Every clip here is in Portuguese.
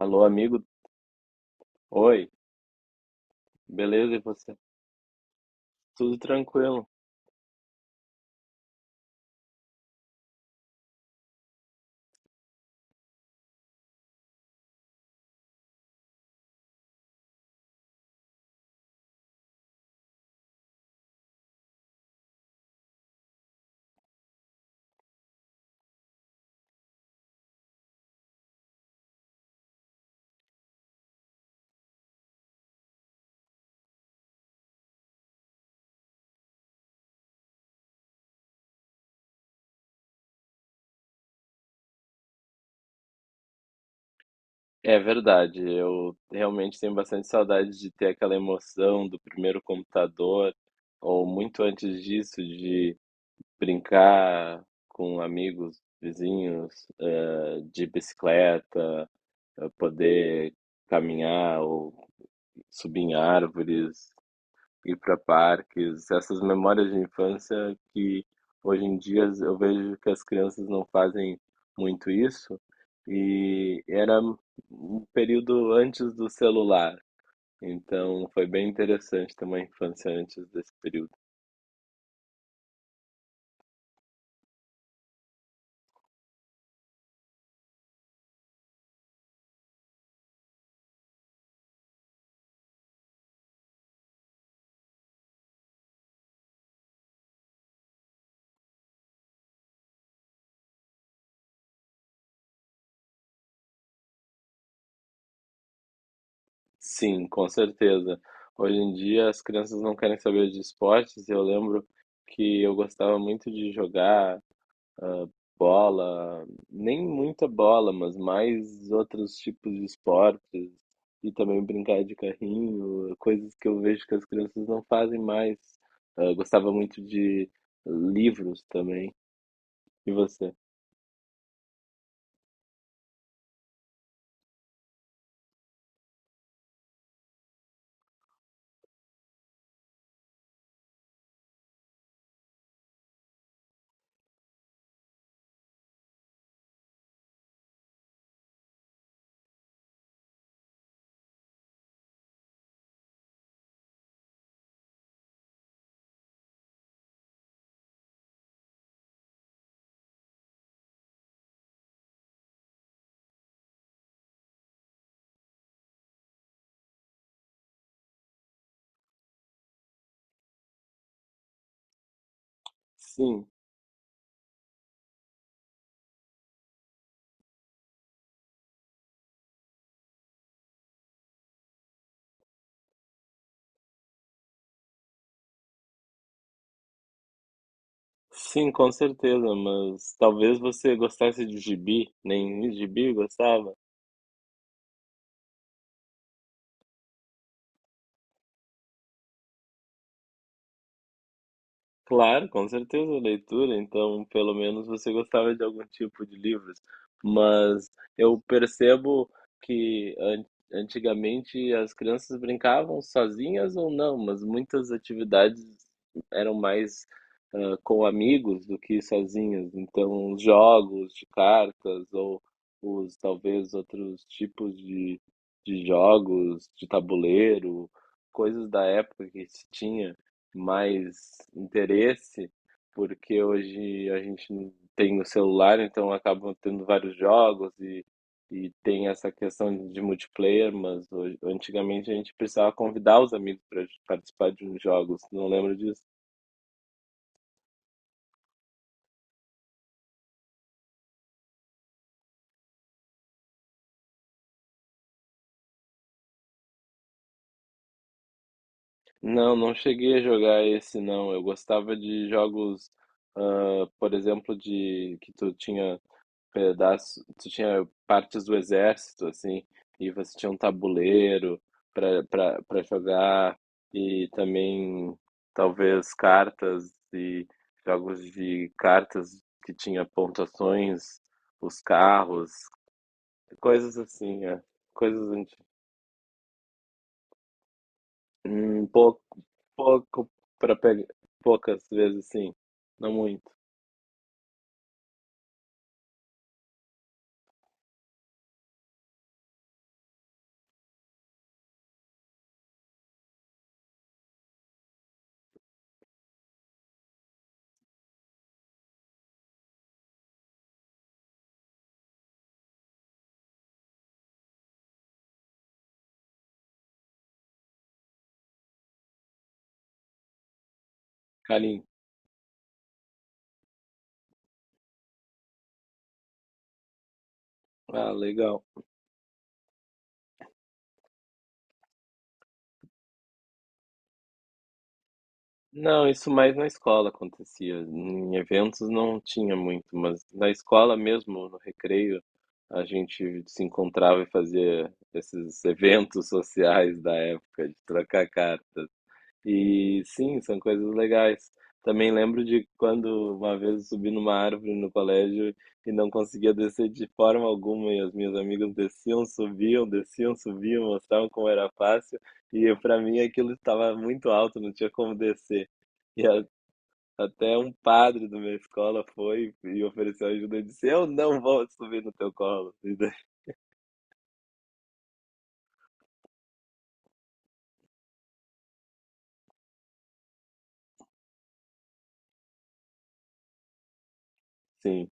Alô, amigo. Oi, beleza? E você? Tudo tranquilo. É verdade, eu realmente tenho bastante saudade de ter aquela emoção do primeiro computador, ou muito antes disso, de brincar com amigos, vizinhos, de bicicleta, poder caminhar ou subir em árvores. Ir para parques, essas memórias de infância que hoje em dia eu vejo que as crianças não fazem muito isso. E era um período antes do celular, então foi bem interessante ter uma infância antes desse período. Sim, com certeza. Hoje em dia as crianças não querem saber de esportes. Eu lembro que eu gostava muito de jogar ah, bola, nem muita bola, mas mais outros tipos de esportes e também brincar de carrinho, coisas que eu vejo que as crianças não fazem mais. Ah, gostava muito de livros também. E você? Sim, sim, com certeza, mas talvez você gostasse de gibi, nem gibi gostava. Claro, com certeza, leitura. Então, pelo menos você gostava de algum tipo de livros. Mas eu percebo que an- antigamente as crianças brincavam sozinhas ou não, mas muitas atividades eram mais com amigos do que sozinhas. Então, os jogos de cartas ou os talvez outros tipos de jogos de tabuleiro, coisas da época que se tinha mais interesse, porque hoje a gente não tem no celular, então acabam tendo vários jogos e tem essa questão de multiplayer, mas hoje, antigamente a gente precisava convidar os amigos para participar de uns jogos, não lembro disso. Não, não cheguei a jogar esse não. Eu gostava de jogos, por exemplo, de que tu tinha pedaço, tu tinha partes do exército, assim, e você tinha um tabuleiro para jogar e também talvez cartas e jogos de cartas que tinha pontuações, os carros, coisas assim, é. Coisas anti- hum, pouco pouco para pegar, poucas vezes sim, não muito. Carinho. Ah, legal. Não, isso mais na escola acontecia. Em eventos não tinha muito, mas na escola mesmo, no recreio, a gente se encontrava e fazia esses eventos sociais da época, de trocar cartas. E sim, são coisas legais. Também lembro de quando uma vez eu subi numa árvore no colégio e não conseguia descer de forma alguma, e as minhas amigas desciam, subiam, mostravam como era fácil, e para mim aquilo estava muito alto, não tinha como descer. E a- até um padre da minha escola foi e ofereceu ajuda e disse: Eu não vou subir no teu colo. E daí, sim,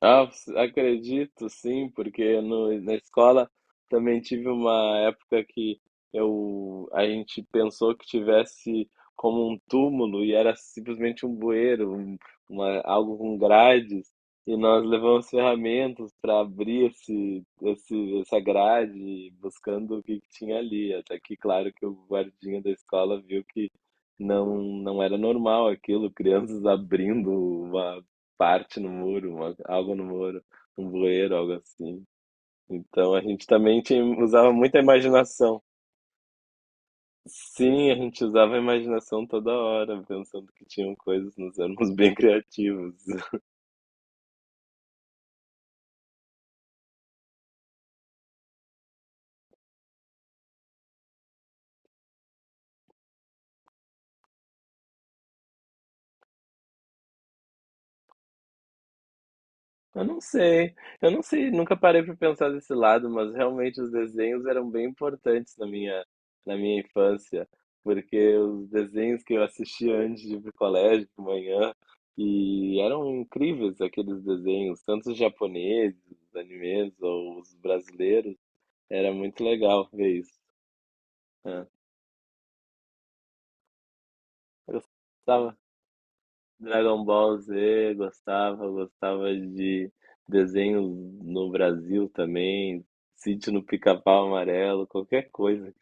Acredito sim, porque no, na escola também tive uma época que a gente pensou que tivesse como um túmulo e era simplesmente um bueiro, uma, algo com grades, e nós levamos ferramentas para abrir essa grade, buscando o que que tinha ali. Até que, claro, que o guardinha da escola viu que não, não era normal aquilo, crianças abrindo uma parte no muro, algo no muro, um bueiro, algo assim. Então a gente também tinha, usava muita imaginação. Sim, a gente usava a imaginação toda hora, pensando que tinham coisas, nós éramos bem criativos. Eu não sei, eu não sei, nunca parei para pensar desse lado, mas realmente os desenhos eram bem importantes na minha infância, porque os desenhos que eu assistia antes de ir pro colégio, de manhã, e eram incríveis aqueles desenhos, tanto os japoneses, os animes ou os brasileiros, era muito legal ver isso. Né? Eu gostava Dragon Ball Z, gostava de desenhos no Brasil também, Sítio no Pica-Pau Amarelo, qualquer coisa.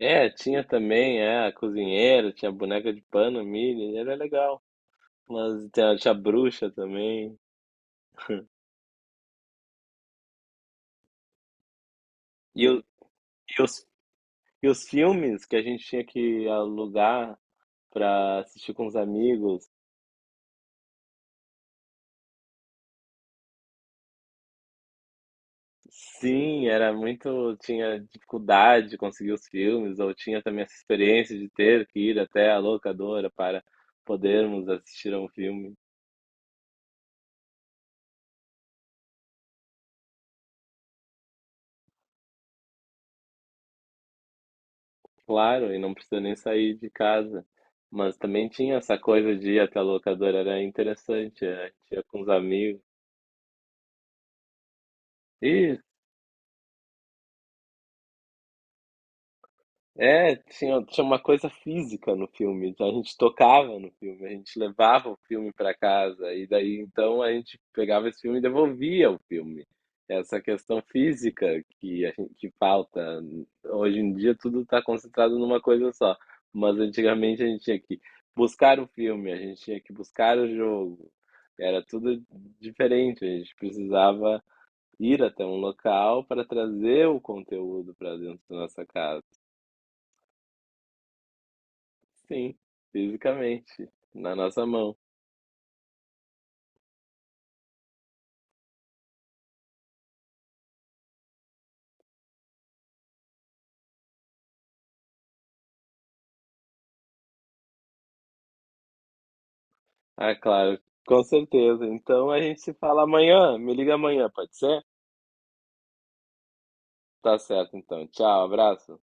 É, tinha também, é, a cozinheira, tinha a boneca de pano, Millie, era legal. Mas tinha a bruxa também. E, o- e os, e os filmes que a gente tinha que alugar pra assistir com os amigos. Sim, era muito. Tinha dificuldade de conseguir os filmes, ou tinha também essa experiência de ter que ir até a locadora para podermos assistir a um filme. Claro, e não precisa nem sair de casa. Mas também tinha essa coisa de ir até a locadora, era interessante, é, tinha com os amigos. É, tinha uma coisa física no filme, então a gente tocava no filme, a gente levava o filme para casa, e daí então a gente pegava esse filme e devolvia o filme. Essa questão física que a gente que falta. Hoje em dia tudo está concentrado numa coisa só, mas antigamente a gente tinha que buscar o filme, a gente tinha que buscar o jogo, era tudo diferente, a gente precisava ir até um local para trazer o conteúdo para dentro da nossa casa. Sim, fisicamente, na nossa mão. Ah, claro, com certeza. Então a gente se fala amanhã. Me liga amanhã, pode ser? Tá certo, então. Tchau, abraço.